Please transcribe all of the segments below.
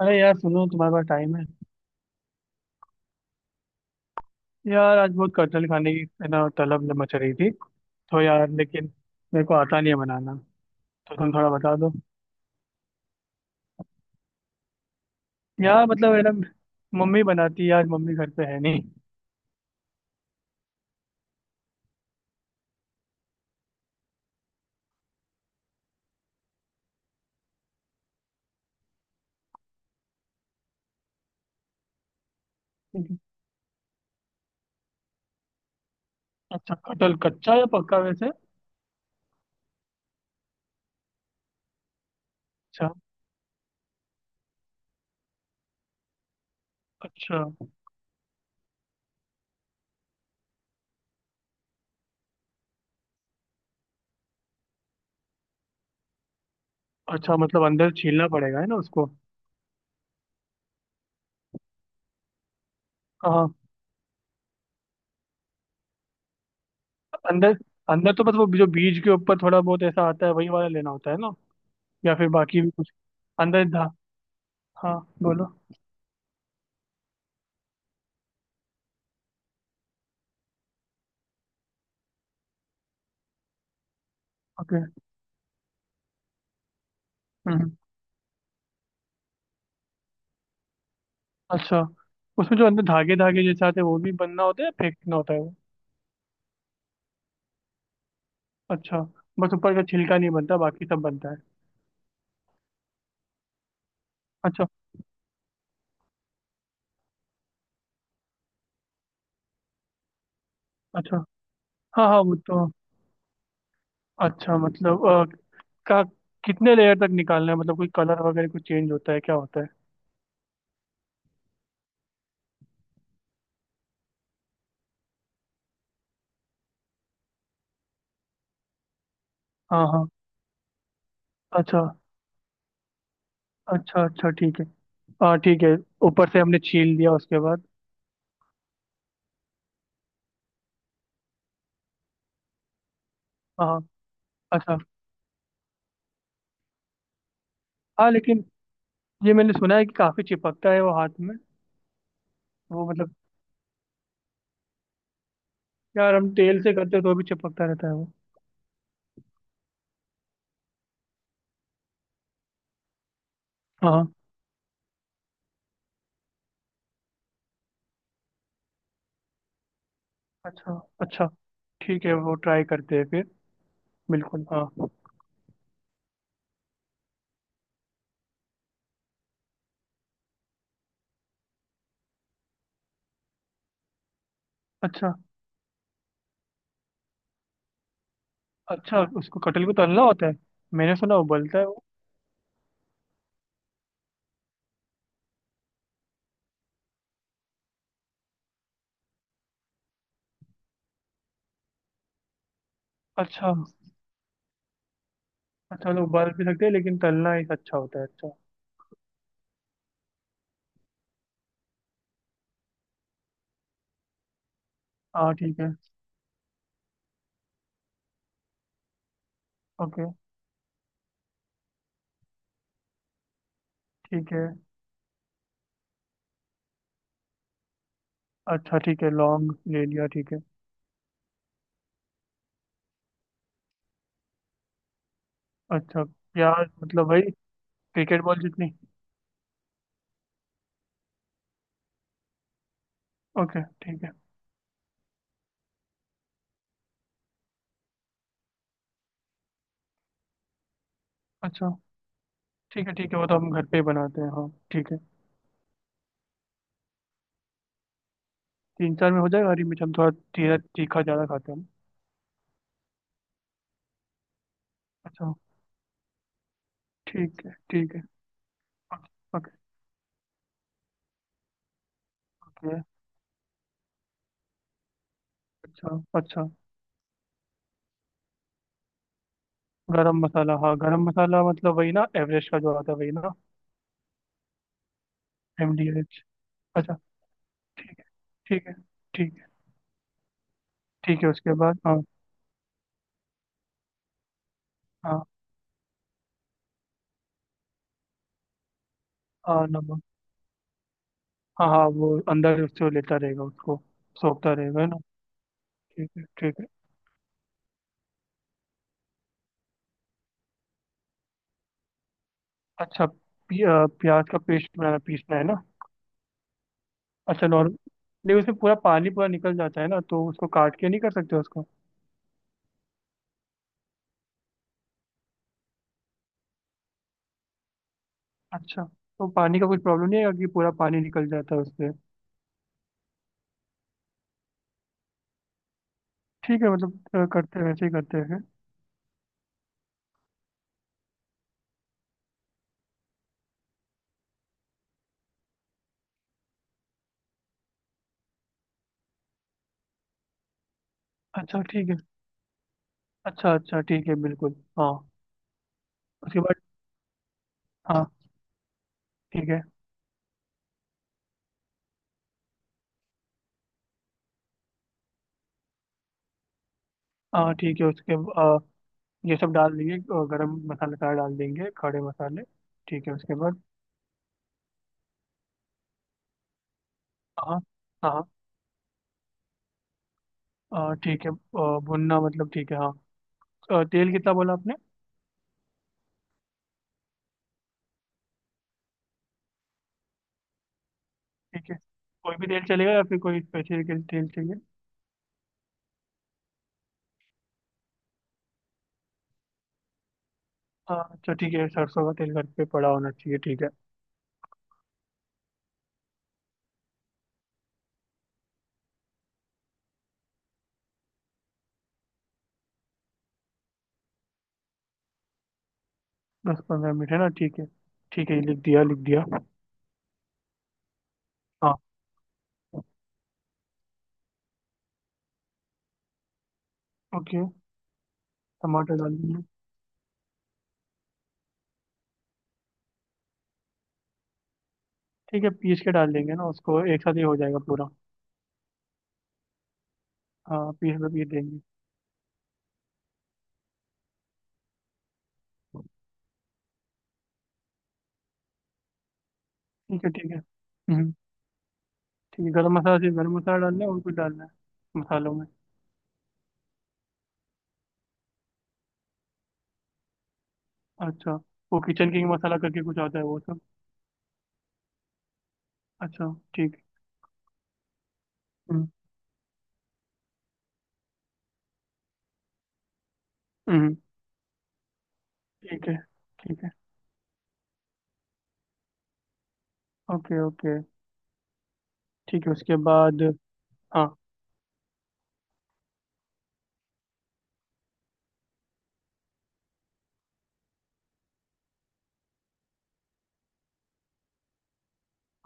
अरे यार सुनो, तुम्हारे पास टाइम है? यार आज बहुत कटहल खाने की, है ना, तलब मच रही थी। तो यार लेकिन मेरे को आता नहीं है बनाना। तो तुम थोड़ा बता दो। यार मतलब, है ना, मम्मी बनाती है, आज मम्मी घर पे है नहीं। ठीक है। अच्छा कटहल कच्चा या पक्का वैसे? अच्छा। अच्छा। अच्छा मतलब अंदर छीलना पड़ेगा, है ना, उसको? हाँ। अंदर अंदर तो बस वो जो बीज के ऊपर थोड़ा बहुत ऐसा आता है वही वाला लेना होता है ना? या फिर बाकी भी कुछ अंदर धा? हाँ बोलो। ओके। हम्म। अच्छा। उसमें जो अंदर धागे धागे जैसे आते हैं वो भी बनना होता है या फेंकना होता है वो? अच्छा। बस ऊपर का छिलका नहीं बनता, बाकी सब बनता है। अच्छा। अच्छा। हाँ हाँ वो तो। अच्छा मतलब का कितने लेयर तक निकालना है? मतलब कोई कलर वगैरह कुछ चेंज होता है क्या होता है? हाँ हाँ। अच्छा। अच्छा अच्छा ठीक है। हाँ ठीक है। ऊपर से हमने छील दिया उसके बाद? हाँ। हाँ। अच्छा। हाँ लेकिन ये मैंने सुना है कि काफी चिपकता है वो हाथ में। वो मतलब यार हम तेल से करते हैं तो भी चिपकता रहता है वो। हाँ, हाँ। अच्छा। अच्छा ठीक है, वो ट्राई करते हैं फिर। बिल्कुल हाँ। अच्छा। अच्छा उसको, कटहल को तलना होता है? मैंने सुना उबलता है वो। अच्छा। अच्छा मतलब उबाल भी सकते हैं लेकिन तलना ही अच्छा होता है। अच्छा। हाँ ठीक है। ओके। ठीक है। अच्छा ठीक है, लौंग ले लिया, ठीक है। अच्छा प्याज मतलब वही क्रिकेट बॉल जितनी? ओके ठीक है। अच्छा। ठीक है ठीक है, वो तो हम घर पे ही बनाते हैं, हाँ ठीक है। 3 4 में हो जाएगा? हरी मिर्च हम थोड़ा तीखा तीखा ज़्यादा खाते हैं हम। अच्छा। ठीक है ठीक है। ओके। ओके। अच्छा अच्छा। गरम मसाला, हाँ गरम मसाला मतलब वही ना, एवरेस्ट का जो आता है वही ना? MDH। अच्छा। ठीक है। ठीक है। ठीक है। ठीक है उसके बाद। हाँ। हाँ। हाँ नमक। हाँ हाँ वो अंदर उससे वो लेता रहेगा उसको, सोखता रहेगा है ना? ठीक है ठीक है। अच्छा प्याज का पेस्ट बनाना, पीसना है ना? अच्छा नॉर्मल? नहीं उसमें पूरा पानी पूरा निकल जाता है ना, तो उसको काट के नहीं कर सकते उसको? अच्छा, तो पानी का कुछ प्रॉब्लम नहीं है कि पूरा पानी निकल जाता है उससे? ठीक है मतलब करते हैं वैसे ही करते हैं। अच्छा ठीक है। अच्छा अच्छा ठीक है बिल्कुल। हाँ। उसके बाद? हाँ। ठीक है। हाँ। ठीक है उसके आ, ये सब डाल देंगे, गरम मसाला सारा डाल देंगे, खड़े मसाले। ठीक है उसके बाद? हाँ। हाँ। हाँ, ठीक है भुनना मतलब, ठीक है हाँ। तेल कितना बोला आपने? ठीक है। कोई भी तेल चलेगा या फिर कोई स्पेशल तेल चाहिए? हाँ अच्छा ठीक है, सरसों का तेल घर पे पड़ा होना चाहिए, ठीक है। 10 15 मिनट है ना, ठीक है। ठीक है ये लिख दिया, लिख दिया। हाँ। ओके। टमाटर डाल देंगे। ठीक है, पीस के डाल देंगे ना उसको, एक साथ ही हो जाएगा पूरा। हाँ पीस बाय पीस देंगे। ठीक है ठीक है। हम्म। ठीक है, गरम मसाला, सिर्फ गरम मसाला डालना है और कुछ डालना है मसालों में? अच्छा। वो किचन किंग मसाला करके कुछ आता है वो सब? अच्छा। ठीक। हम्म। हम्म ठीक है ठीक है। Okay okay. ठीक है उसके बाद? हाँ।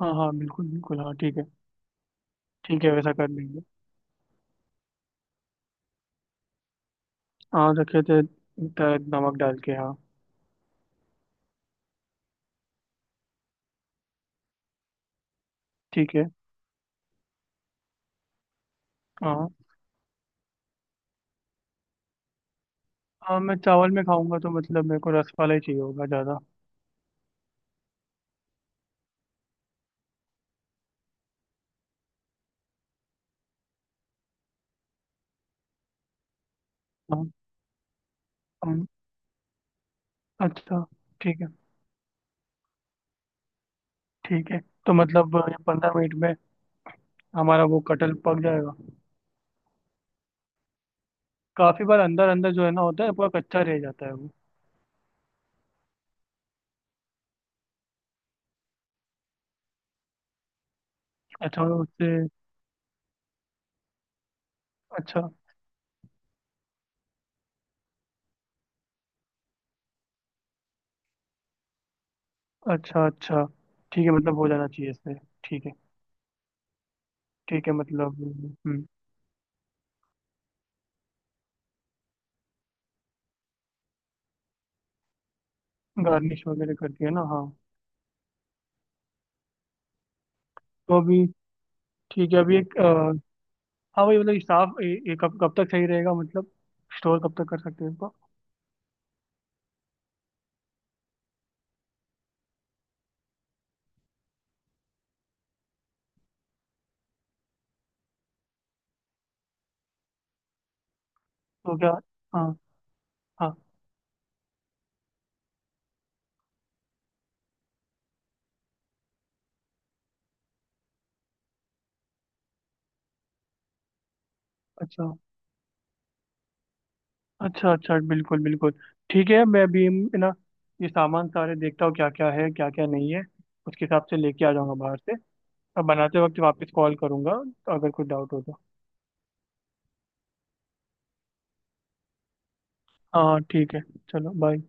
हाँ हाँ बिल्कुल बिल्कुल, हाँ ठीक है। ठीक है वैसा कर लेंगे। हाँ रखे थे, नमक डाल के हाँ। ठीक है। हाँ। हाँ मैं चावल में खाऊंगा तो मतलब मेरे को रस वाला ही चाहिए होगा ज़्यादा। हाँ। हाँ, अच्छा। ठीक है। ठीक है, तो मतलब ये 15 मिनट में हमारा वो कटहल पक जाएगा? काफी बार अंदर अंदर जो है ना, होता है पूरा कच्चा रह जाता है वो। अच्छा मतलब उससे। अच्छा अच्छा। अच्छा ठीक है, मतलब हो जाना चाहिए इससे। ठीक है। ठीक है मतलब। हम्म। गार्निश वगैरह कर दिया ना, हाँ? तो अभी, ठीक है, अभी एक हाँ वही मतलब स्टाफ कब, कब तक सही रहेगा मतलब? स्टोर कब तक कर सकते हैं इसको? तो क्या? हाँ। हाँ। अच्छा। अच्छा अच्छा बिल्कुल बिल्कुल। ठीक है मैं अभी, है ना, ये सामान सारे देखता हूँ क्या क्या है, क्या क्या नहीं है। उसके हिसाब से लेके आ जाऊंगा बाहर से। अब बनाते वक्त वापस कॉल करूंगा अगर कुछ डाउट हो तो। हाँ ठीक है। चलो बाय।